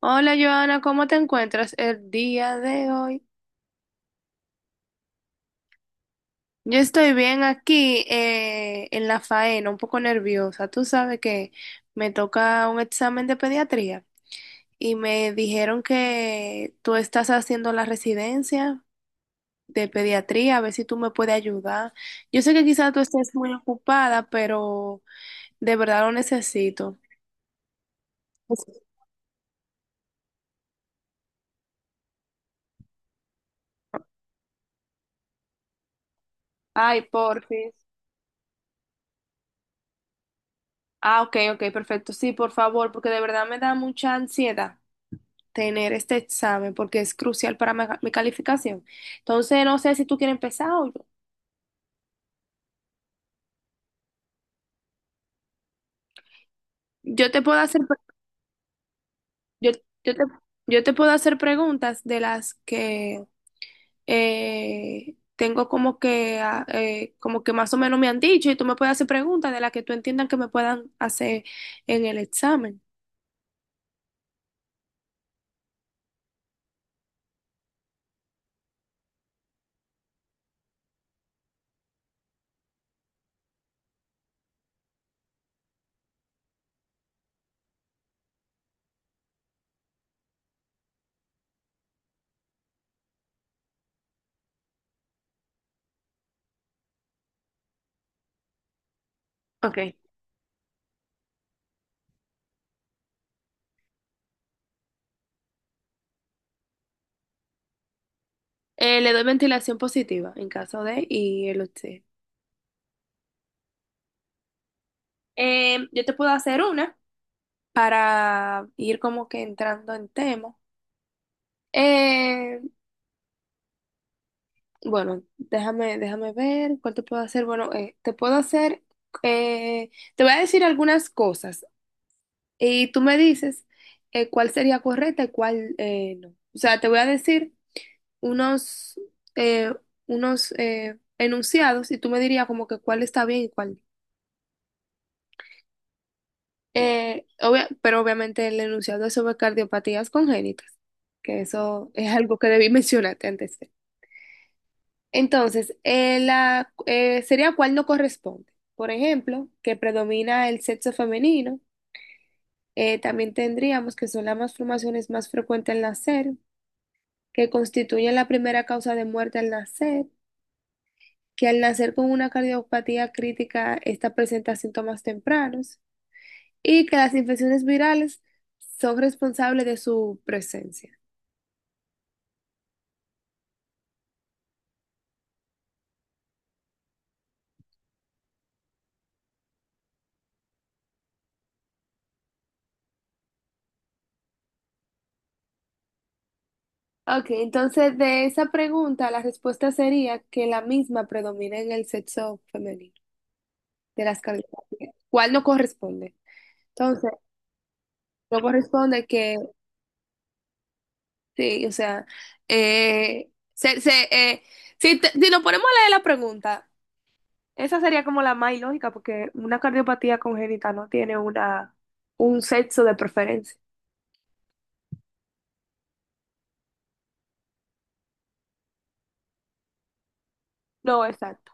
Hola Joana, ¿cómo te encuentras el día de hoy? Yo estoy bien aquí en la faena, un poco nerviosa. Tú sabes que me toca un examen de pediatría y me dijeron que tú estás haciendo la residencia de pediatría, a ver si tú me puedes ayudar. Yo sé que quizás tú estés muy ocupada, pero de verdad lo necesito. Ay, porfis. Ah, ok, ok, perfecto. Sí, por favor, porque de verdad me da mucha ansiedad tener este examen porque es crucial para mi calificación. Entonces, no sé si tú quieres empezar o yo. Yo te puedo hacer, yo, yo te, yo te puedo hacer preguntas de las que tengo como que, como que más o menos me han dicho y tú me puedes hacer preguntas de las que tú entiendas que me puedan hacer en el examen. Ok. Le doy ventilación positiva en caso de y el usted. Yo te puedo hacer una para ir como que entrando en tema. Eh, Bueno, déjame ver cuál te puedo hacer. Bueno, te puedo hacer, eh, te voy a decir algunas cosas y tú me dices cuál sería correcta y cuál no. O sea, te voy a decir unos, eh, unos enunciados y tú me dirías como que cuál está bien y cuál no. Pero obviamente el enunciado es sobre cardiopatías congénitas, que eso es algo que debí mencionarte antes. Entonces, sería cuál no corresponde. Por ejemplo, que predomina el sexo femenino. También tendríamos que son las malformaciones más frecuentes al nacer, que constituyen la primera causa de muerte al nacer, que al nacer con una cardiopatía crítica, esta presenta síntomas tempranos y que las infecciones virales son responsables de su presencia. Ok, entonces de esa pregunta la respuesta sería que la misma predomina en el sexo femenino. De las cavidades, ¿cuál no corresponde? Entonces, no corresponde que, sí, o sea, eh, se, se, eh, si, si nos ponemos a leer la pregunta, esa sería como la más ilógica, porque una cardiopatía congénita no tiene una, un sexo de preferencia. No, exacto.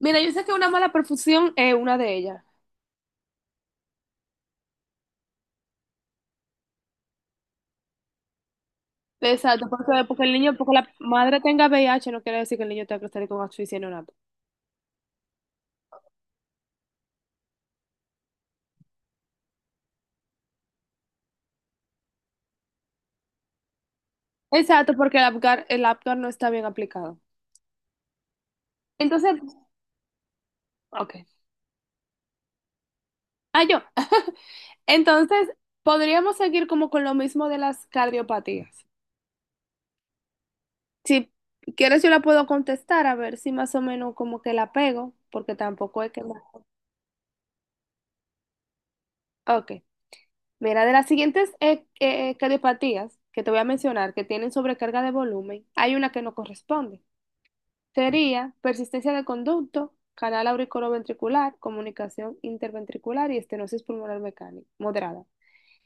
Mira, yo sé que una mala perfusión es una de ellas. Exacto, porque el niño, porque la madre tenga VIH no quiere decir que el niño tenga que salir con asfixia neonatal. Exacto, porque el Apgar no está bien aplicado. Entonces, ok. Ah, yo. Entonces, podríamos seguir como con lo mismo de las cardiopatías. Si quieres, yo la puedo contestar a ver si más o menos como que la pego, porque tampoco hay que no. Ok. Mira, de las siguientes cardiopatías que te voy a mencionar que tienen sobrecarga de volumen, hay una que no corresponde. Sería persistencia de conducto, canal auriculoventricular, comunicación interventricular y estenosis pulmonar mecánica moderada.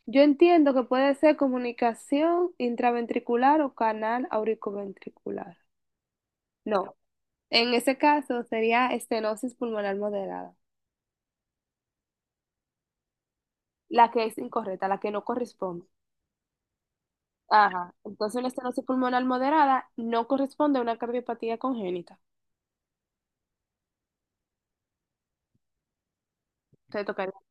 Yo entiendo que puede ser comunicación intraventricular o canal auriculoventricular. No, en ese caso sería estenosis pulmonar moderada, la que es incorrecta, la que no corresponde. Ajá, entonces una estenosis pulmonar moderada no corresponde a una cardiopatía congénita. Te tocaría.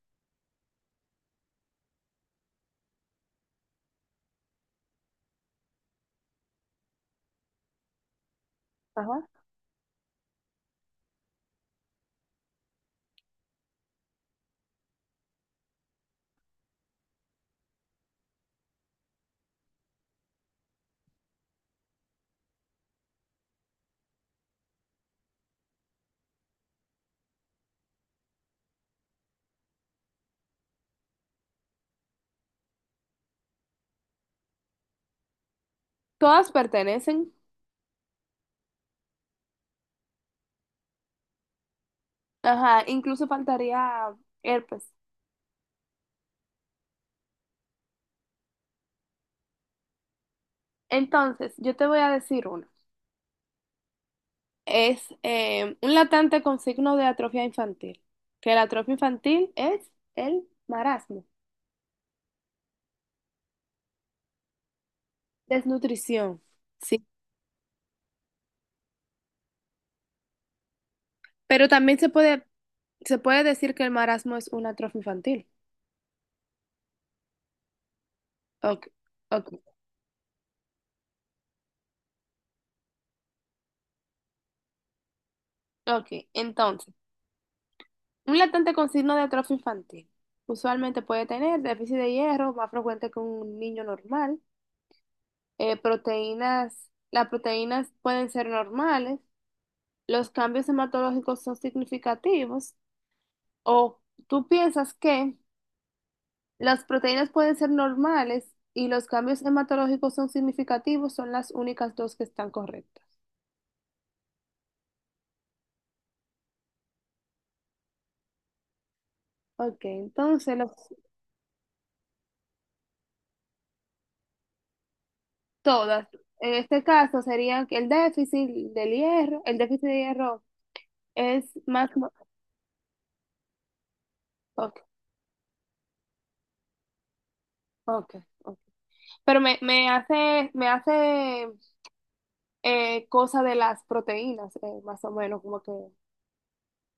Ajá. Todas pertenecen. Ajá, incluso faltaría herpes. Entonces, yo te voy a decir una. Es un latente con signo de atrofia infantil, que la atrofia infantil es el marasmo, desnutrición, sí. Pero también se puede decir que el marasmo es una atrofia infantil. Ok, ok, ok. Entonces, un latente con signo de atrofia infantil usualmente puede tener déficit de hierro, más frecuente que un niño normal, las proteínas pueden ser normales, los cambios hematológicos son significativos. O tú piensas que las proteínas pueden ser normales y los cambios hematológicos son significativos, son las únicas dos que están correctas. Ok, entonces todas. En este caso serían que el déficit del hierro, el déficit de hierro es más ok, ok, ok. Pero me hace cosa de las proteínas, más o menos, como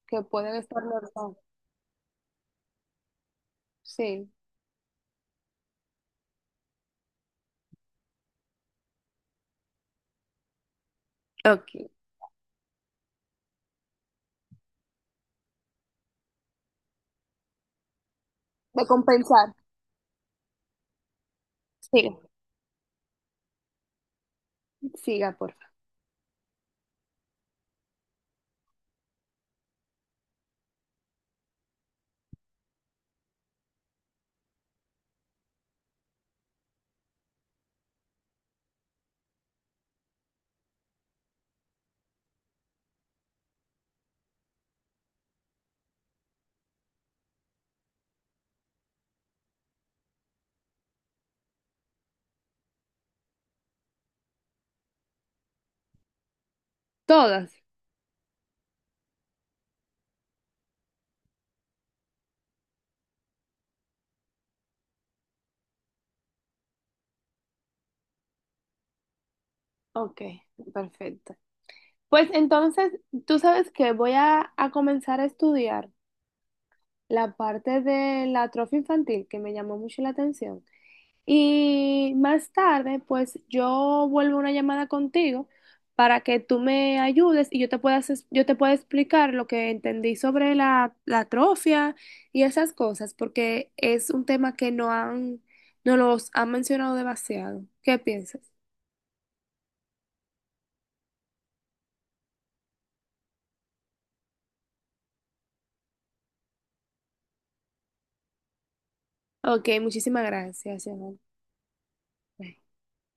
que pueden estar normales. Sí, ok. De compensar. Sí. Siga, porfa. Todas. Ok, perfecto. Pues entonces, tú sabes que voy a comenzar a estudiar la parte de la atrofia infantil que me llamó mucho la atención. Y más tarde, pues yo vuelvo a una llamada contigo para que tú me ayudes y yo te pueda, yo te pueda explicar lo que entendí sobre la atrofia y esas cosas, porque es un tema que no los han mencionado demasiado. ¿Qué piensas? Ok, muchísimas gracias, Emanuel.